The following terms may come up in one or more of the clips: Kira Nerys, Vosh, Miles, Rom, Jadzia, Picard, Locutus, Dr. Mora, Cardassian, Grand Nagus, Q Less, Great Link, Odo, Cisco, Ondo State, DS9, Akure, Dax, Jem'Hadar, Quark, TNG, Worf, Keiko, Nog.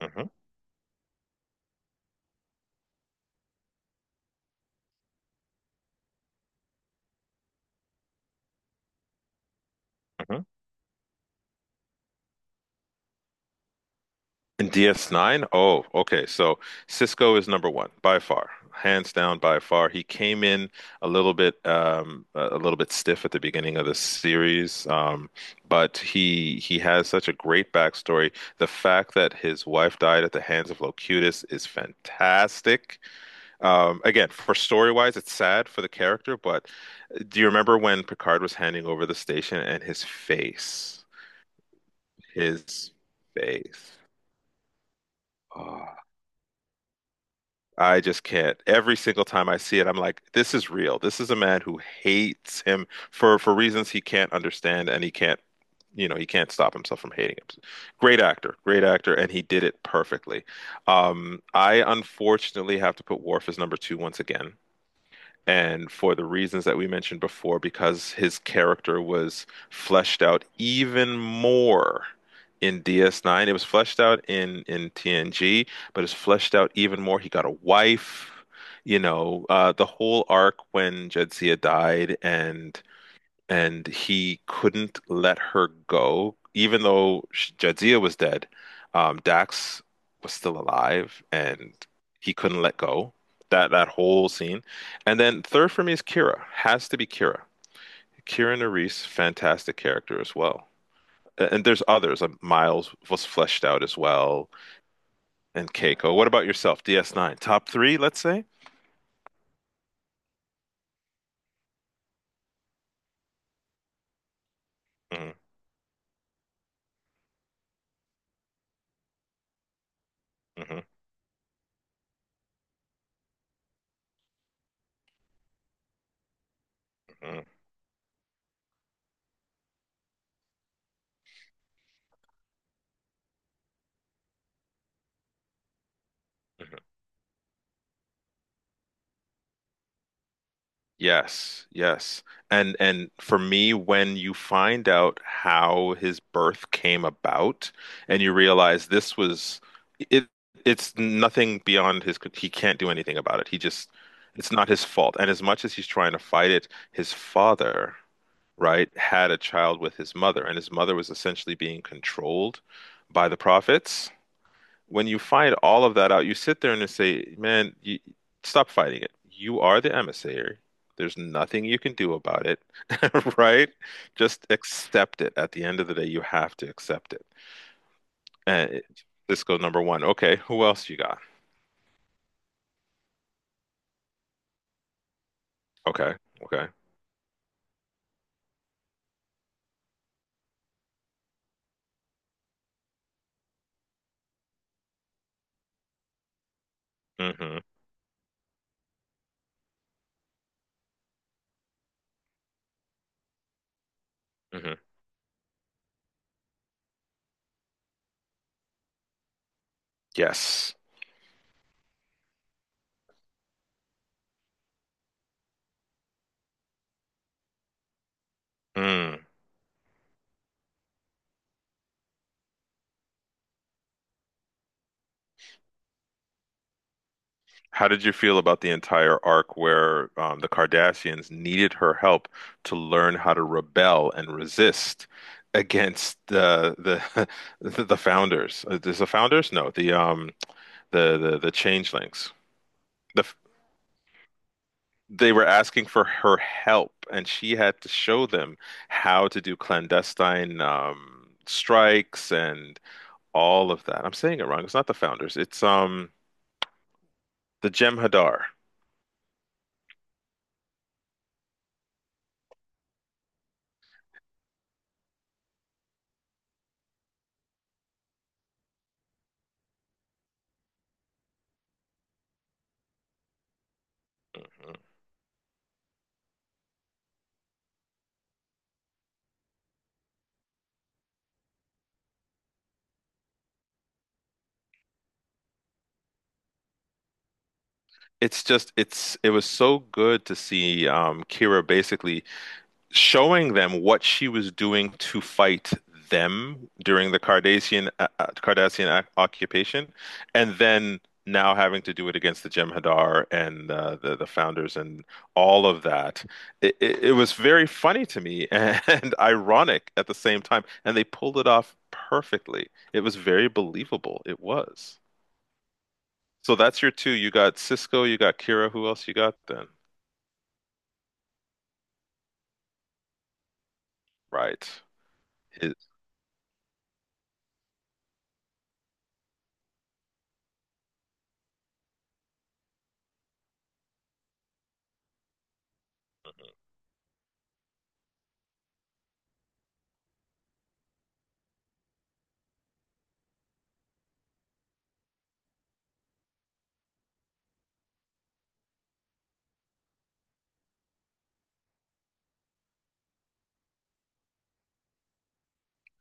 Hmm hmm And DS9? Oh, okay. So Cisco is number one by far, hands down by far. He came in a little bit, a little bit stiff at the beginning of the series, but he has such a great backstory. The fact that his wife died at the hands of Locutus is fantastic. Again, for story-wise, it's sad for the character, but do you remember when Picard was handing over the station and his face, his face? Ah. I just can't. Every single time I see it, I'm like, this is real. This is a man who hates him for reasons he can't understand, and he can't stop himself from hating him. Great actor, and he did it perfectly. I unfortunately have to put Worf as number two once again. And for the reasons that we mentioned before, because his character was fleshed out even more in DS9, it was fleshed out in TNG, but it's fleshed out even more. He got a wife, the whole arc when Jadzia died and he couldn't let her go, even though Jadzia was dead. Dax was still alive, and he couldn't let go. That whole scene, and then third for me is Kira. Has to be Kira. Kira Nerys, fantastic character as well. And there's others. Miles was fleshed out as well, and Keiko. What about yourself? DS9, top three, let's say. Hmm hmm hmm Yes, yes. And for me, when you find out how his birth came about and you realize this was it, it's nothing beyond his he can't do anything about it. He just it's not his fault. And as much as he's trying to fight it, his father, right, had a child with his mother, and his mother was essentially being controlled by the prophets. When you find all of that out, you sit there and you say, man, you, stop fighting it. You are the emissary. There's nothing you can do about it, right? Just accept it. At the end of the day, you have to accept it. And this goes number one. Okay, who else you got? Okay, okay. hmm hmm Yes. Mm. How did you feel about the entire arc where the Kardashians needed her help to learn how to rebel and resist against the the founders? Is the founders? No, the changelings. The, f- they were asking for her help, and she had to show them how to do clandestine strikes and all of that. I'm saying it wrong. It's not the founders. It's the Jem'Hadar. It's just it's it was so good to see Kira, basically showing them what she was doing to fight them during the Cardassian, Cardassian occupation, and then now having to do it against the Jem'Hadar and the founders and all of that. It was very funny to me and ironic at the same time, and they pulled it off perfectly. It was very believable. It was. So that's your two. You got Cisco, you got Kira. Who else you got then? Right. His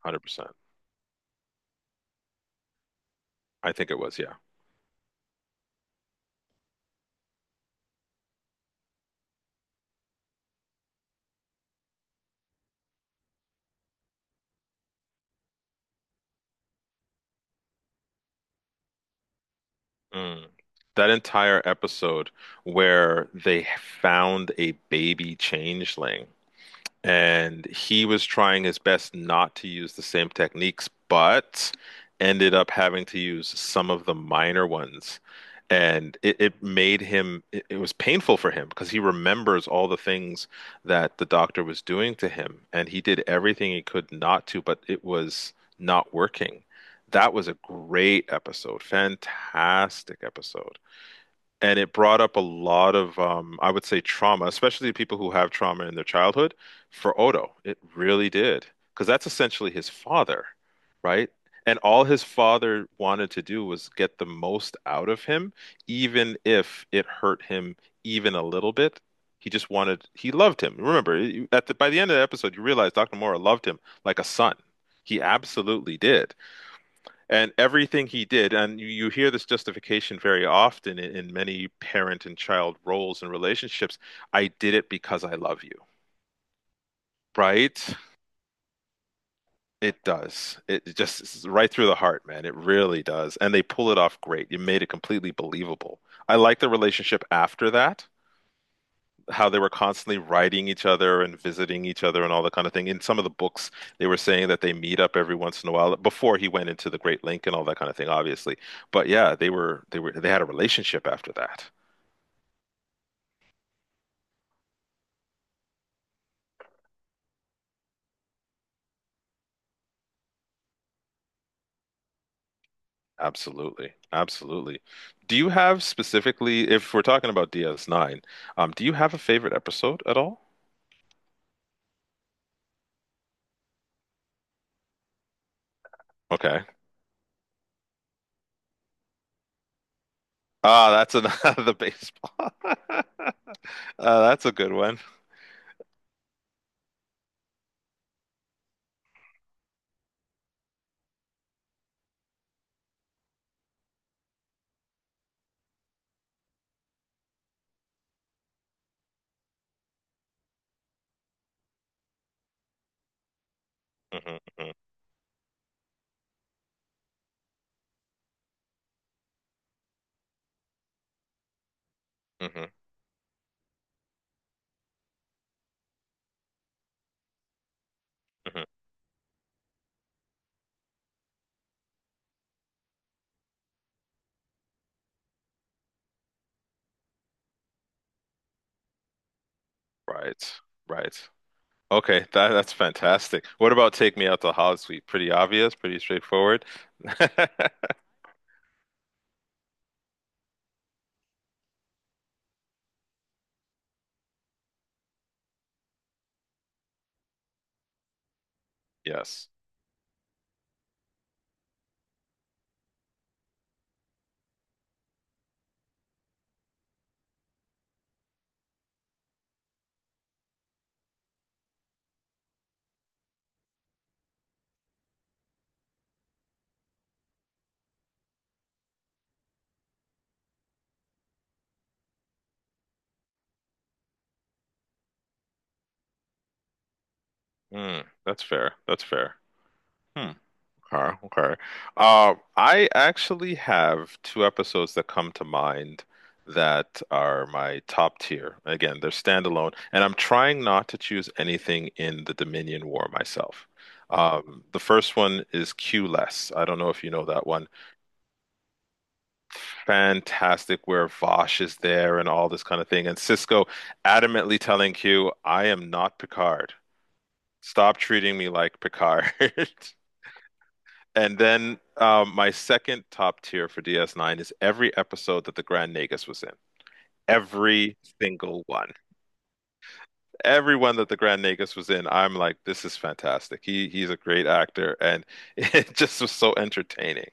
100%. I think it was, yeah. Mm. That entire episode where they found a baby changeling and he was trying his best not to use the same techniques, but ended up having to use some of the minor ones. And it made him, it was painful for him because he remembers all the things that the doctor was doing to him. And he did everything he could not to, but it was not working. That was a great episode, fantastic episode, and it brought up a lot of I would say trauma, especially people who have trauma in their childhood. For Odo, it really did, because that's essentially his father, right? And all his father wanted to do was get the most out of him, even if it hurt him even a little bit. He just wanted, he loved him. Remember, by the end of the episode, you realize Dr. Mora loved him like a son. He absolutely did. And everything he did, and you hear this justification very often in many parent and child roles and relationships, I did it because I love you, right? It does. It's right through the heart, man. It really does. And they pull it off great. You made it completely believable. I like the relationship after that, how they were constantly writing each other and visiting each other and all that kind of thing. In some of the books, they were saying that they meet up every once in a while before he went into the Great Link and all that kind of thing, obviously. But yeah, they had a relationship after that. Absolutely. Absolutely. Do you have specifically, if we're talking about DS9, do you have a favorite episode at all? Okay. Ah, that's another the baseball. That's a good one. Hmm hmm hmm Right. Right. Okay, that's fantastic. What about Take Me Out to Hollywood Suite? Pretty obvious, pretty straightforward. Yes. Mm, that's fair. That's fair. Hmm. Okay. Okay. I actually have two episodes that come to mind that are my top tier. Again, they're standalone, and I'm trying not to choose anything in the Dominion War myself. The first one is Q Less. I don't know if you know that one. Fantastic, where Vosh is there and all this kind of thing. And Cisco adamantly telling Q, I am not Picard. Stop treating me like Picard. And then my second top tier for DS9 is every episode that the Grand Nagus was in. Every single one. Everyone that the Grand Nagus was in, I'm like, this is fantastic. He's a great actor, and it just was so entertaining.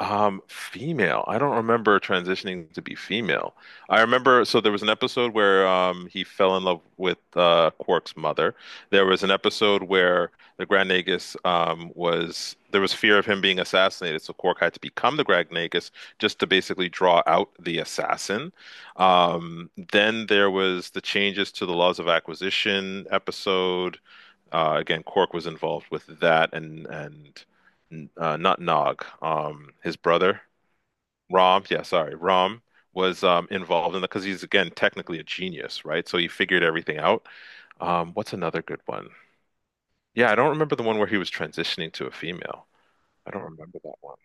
Female. I don't remember transitioning to be female. I remember, so there was an episode where he fell in love with Quark's mother. There was an episode where the Grand Nagus was there was fear of him being assassinated, so Quark had to become the Grand Nagus just to basically draw out the assassin. Then there was the changes to the laws of acquisition episode, again, Cork was involved with that, and not Nog, his brother Rom. Yeah, sorry, Rom was involved in that because he's again technically a genius, right? So he figured everything out. What's another good one? Yeah, I don't remember the one where he was transitioning to a female. I don't remember that one.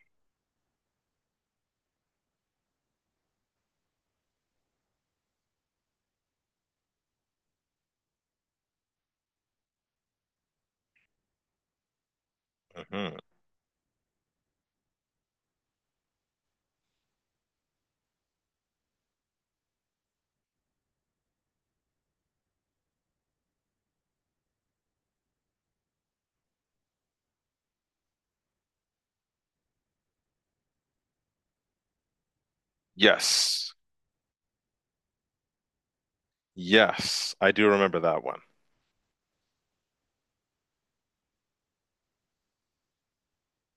Hmm Yes, yes, I do remember that one. one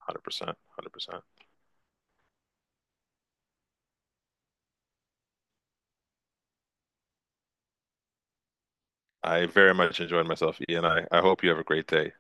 Hundred percent, 100%. I very much enjoyed myself, Ian. I hope you have a great day.